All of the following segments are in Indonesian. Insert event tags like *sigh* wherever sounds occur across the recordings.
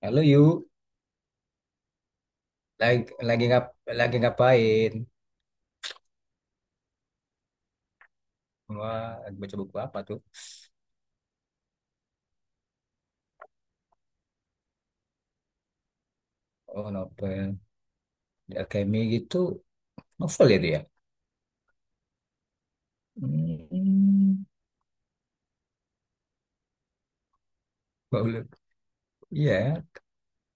Halo Yu, lagi lagi ngap lagi ngapain? Wah, lagi baca buku apa tuh? Oh, novel, The Alchemy gitu, novel ya dia. Hmm, boleh. Iya.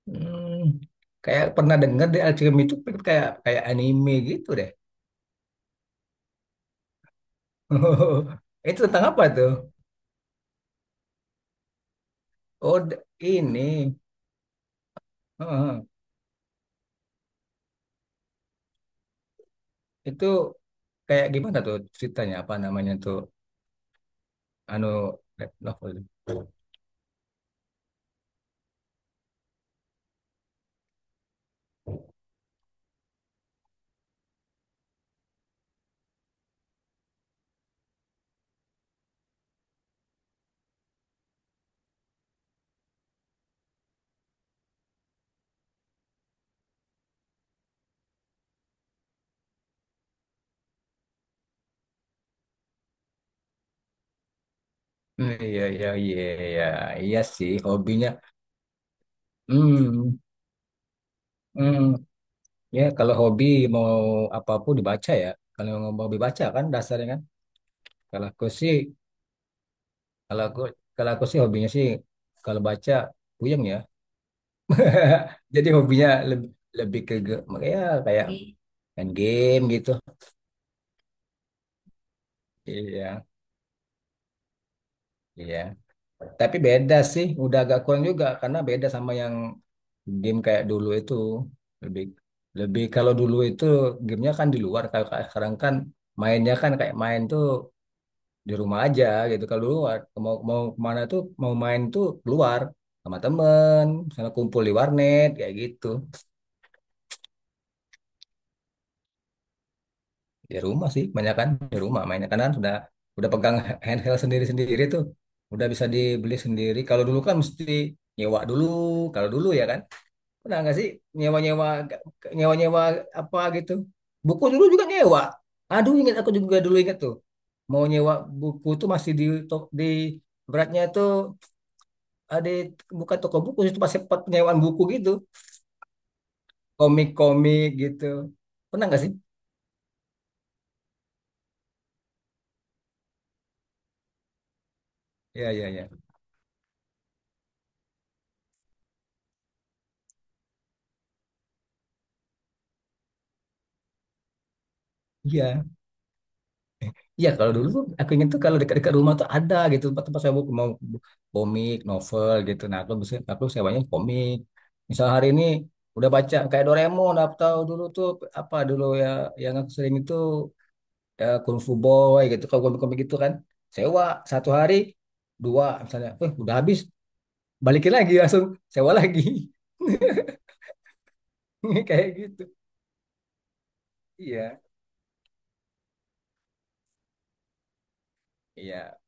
Hmm, Kayak pernah dengar The Alchemy itu kayak kayak anime gitu deh. *laughs* Itu tentang apa tuh? Oh, ini. Heeh. Itu kayak gimana tuh ceritanya? Apa namanya tuh? Anu, novel. Hmm, iya, iya, iya, iya, iya sih hobinya. Hmm. Hmm, Ya kalau hobi mau apapun dibaca ya. Kalau mau hobi baca kan dasarnya kan. Kalau aku sih, kalau aku kalau aku sih hobinya sih kalau baca puyeng ya. *laughs* Jadi hobinya lebih lebih ke ge- ya, kayak main game gitu. Iya, iya. Tapi beda sih, udah agak kurang juga karena beda sama yang game kayak dulu itu lebih lebih kalau dulu itu gamenya kan di luar, kalau kayak sekarang kan mainnya kan kayak main tuh di rumah aja gitu. Kalau dulu mau mau kemana tuh mau main tuh keluar sama temen, misalnya kumpul di warnet kayak gitu. Di rumah sih banyak kan, di rumah mainnya karena kan udah pegang *laughs* handheld sendiri sendiri tuh, udah bisa dibeli sendiri. Kalau dulu kan mesti nyewa dulu, kalau dulu ya kan. Pernah nggak sih nyewa nyewa, nyewa apa gitu, buku dulu juga nyewa. Aduh, ingat, aku juga dulu ingat tuh mau nyewa buku tuh masih di di beratnya tuh ada, bukan toko buku, itu pasti tempat penyewaan buku gitu, komik-komik gitu. Pernah nggak sih? Ya ya ya, iya iya, kalau dulu tuh aku ingin tuh kalau dekat-dekat rumah tuh ada gitu tempat tempat sewa buku, mau komik novel gitu. Nah, aku bisa, aku sewanya komik, misal hari ini udah baca kayak Doraemon, atau dulu tuh apa dulu ya yang aku sering itu, ya, Kung Fu Boy gitu, kalau komik-komik gitu kan sewa 1 hari dua misalnya, udah habis, balikin lagi langsung, sewa lagi. *laughs* *laughs* Kayak gitu, iya iya.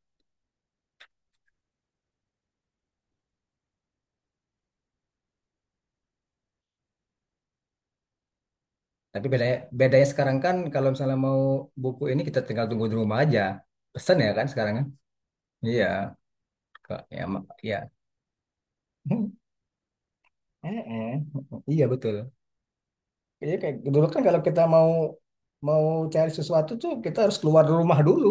Tapi bedanya bedanya sekarang kan, kalau misalnya mau buku ini kita tinggal tunggu di rumah aja, pesan ya kan sekarang kan, iya. Kok ya ya. Hmm, eh, eh. Iya betul. Iya, kayak dulu kan, kalau kita mau mau cari sesuatu tuh kita harus keluar dari rumah dulu.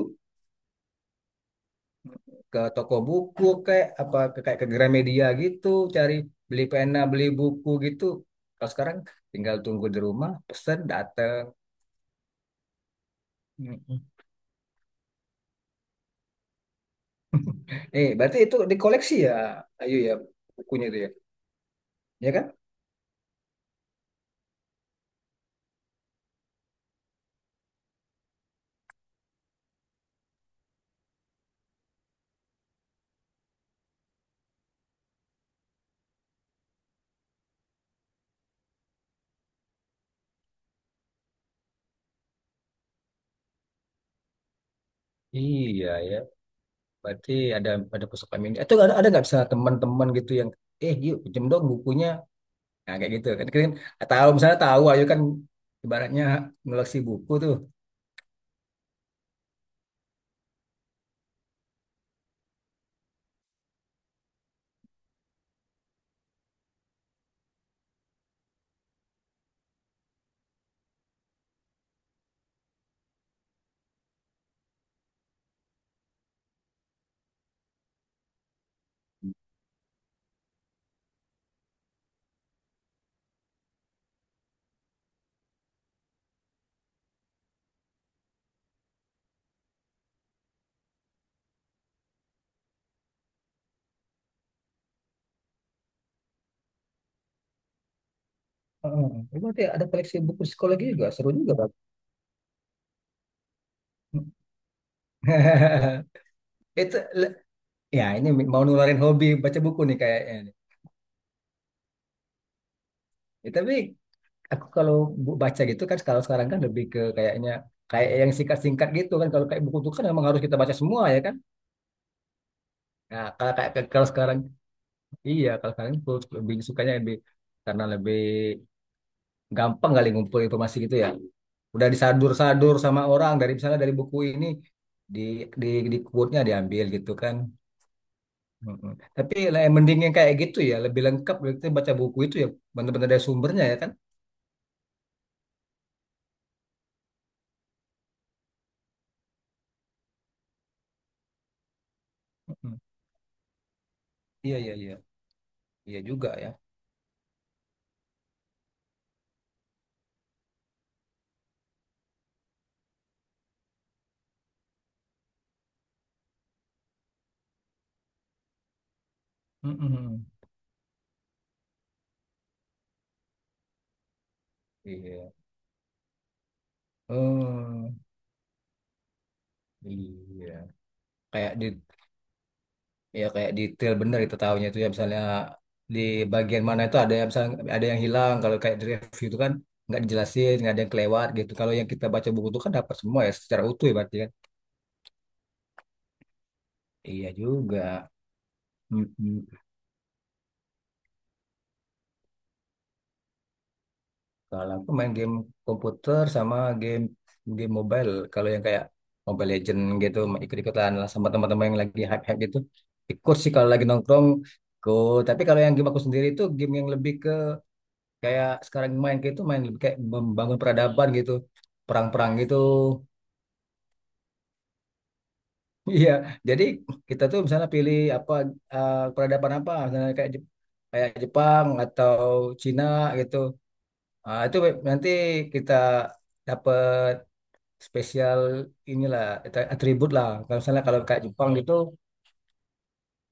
Ke toko buku kayak apa, ke kayak ke Gramedia gitu cari, beli pena beli buku gitu. Kalau sekarang tinggal tunggu di rumah, pesan datang. Eh, berarti itu dikoleksi ya, Ayu ya, bukunya itu ya, ya kan? Iya ya, berarti ada ada pusaka mini. Itu ada nggak bisa teman-teman gitu yang, yuk pinjem dong bukunya, nah, kayak gitu kan. Kan tahu, misalnya tahu Ayu kan, ibaratnya koleksi buku tuh. Heeh. Eh, berarti ada koleksi buku psikologi juga, seru juga, Bang. *laughs* Itu ya, ini mau nularin hobi baca buku nih kayaknya nih. Ya, tapi aku kalau baca gitu kan, kalau sekarang kan lebih ke kayaknya kayak yang singkat-singkat gitu kan, kalau kayak buku itu kan memang harus kita baca semua ya kan. Nah, kalau sekarang, iya kalau sekarang aku lebih sukanya, lebih karena lebih gampang kali ngumpul informasi gitu ya. Udah disadur-sadur sama orang dari misalnya dari buku ini di, di di quote-nya diambil gitu kan. Mm-mm. Tapi lah, yang mending yang kayak gitu ya, lebih lengkap kita baca buku itu ya, benar-benar dari sumbernya ya kan. Mm-mm, iya iya iya, iya juga ya. Mm-mm, iya. Oh iya, kayak di, ya kayak detail bener itu tahunya itu ya, misalnya di bagian mana itu ada yang misalnya ada yang hilang, kalau kayak di review itu kan nggak dijelasin, nggak ada yang kelewat gitu. Kalau yang kita baca buku itu kan dapat semua ya, secara utuh ya berarti kan. Iya juga. Mm-mm. Kalau aku main game komputer sama game game mobile. Kalau yang kayak Mobile Legend gitu, ikut-ikutan lah sama teman-teman yang lagi hype-hype gitu. Ikut sih kalau lagi nongkrong ikut. Tapi kalau yang game aku sendiri itu game yang lebih ke kayak sekarang main, kayak itu main lebih kayak membangun peradaban gitu, perang-perang gitu. *laughs* Iya, jadi kita tuh misalnya pilih apa, peradaban apa misalnya kayak kayak Jepang atau Cina gitu. Itu nanti kita dapat spesial inilah atribut lah, kalau misalnya kalau kayak Jepang gitu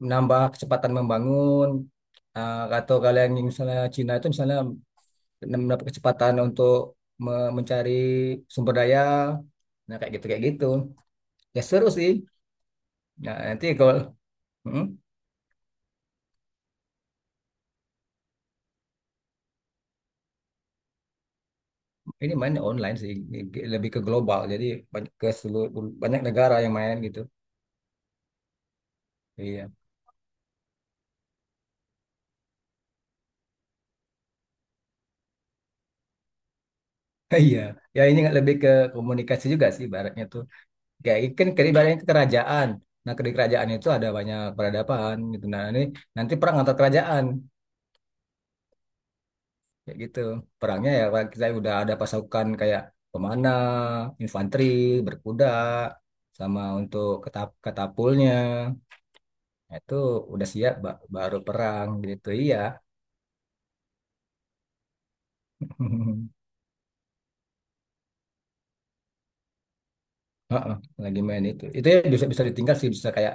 menambah kecepatan membangun. Atau kalian yang misalnya Cina itu misalnya dan mendapat kecepatan untuk mencari sumber daya. Nah kayak gitu, kayak gitu ya, seru sih. Nah nanti kalau, Hmm, ini mainnya online sih, lebih ke global, jadi banyak ke seluruh, banyak negara yang main gitu. Iya. *laughs* Iya, ya ini nggak, lebih ke komunikasi juga sih baratnya tuh, kayak kan ibaratnya ke kerajaan, nah di kerajaan itu ada banyak peradaban gitu, nah ini nanti perang antar kerajaan, kayak gitu. Perangnya ya kayak kita udah ada pasukan kayak pemana, infanteri, berkuda, sama untuk katapulnya. Nah, itu udah siap baru perang gitu, iya. *laughs* Heeh, lagi main itu ya, bisa bisa ditinggal sih, bisa kayak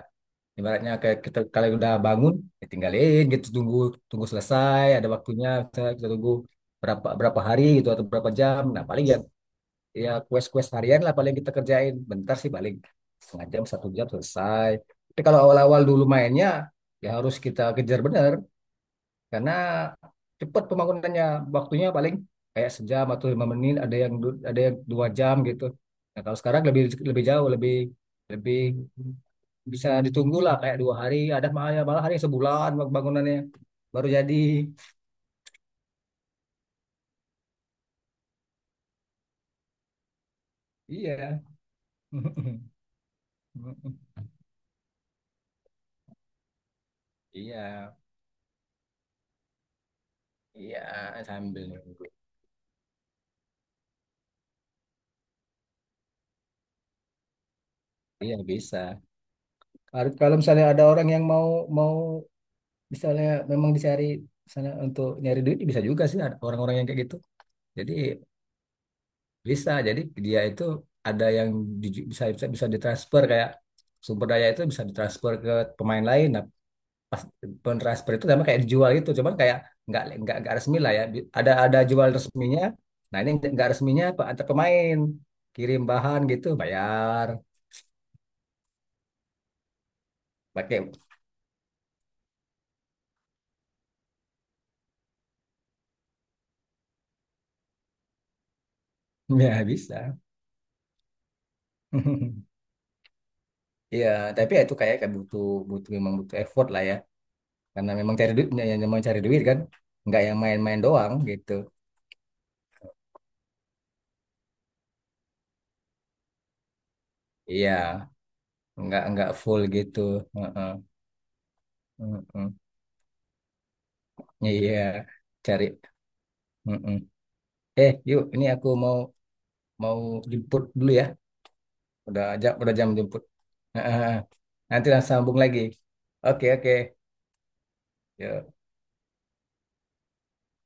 ibaratnya kayak kita kalau udah bangun ditinggalin gitu, tunggu tunggu selesai ada waktunya, misalnya kita tunggu berapa berapa hari gitu atau berapa jam, nah paling ya, ya quest-quest harian lah paling kita kerjain. Bentar sih paling setengah jam, 1 jam selesai. Tapi kalau awal-awal dulu mainnya ya harus kita kejar bener karena cepat pembangunannya. Waktunya paling kayak sejam atau 5 menit, ada yang ada yang 2 jam gitu. Nah, kalau sekarang lebih lebih jauh, lebih lebih bisa ditunggu lah kayak 2 hari, ada malah malah hari sebulan bangunannya baru jadi. Iya. *laughs* Iya, iya sambil nunggu. Iya bisa. Kalau misalnya ada orang yang mau mau misalnya memang dicari misalnya untuk nyari duit ya bisa juga sih, ada orang-orang yang kayak gitu. Jadi bisa. Jadi dia itu ada yang bisa bisa bisa ditransfer, kayak sumber daya itu bisa ditransfer ke pemain lain. Nah, pas pentransfer itu sama kayak dijual gitu. Cuman kayak nggak resmi lah ya. Ada jual resminya. Nah ini nggak resminya antar pemain kirim bahan gitu bayar pakai. *laughs* Ya bisa. *laughs* Iya, tapi ya itu kayak kayak butuh butuh memang butuh effort lah ya. Karena memang cari duit ya, ya, memang cari duit kan. Nggak yang main-main doang gitu. Iya, nggak full gitu. Heeh, heeh. Iya, cari. Heeh. Eh, yuk, ini aku mau mau jemput dulu ya. Udah jam jemput. Heeh. Nanti langsung sambung lagi. Oke, oke. Yuk.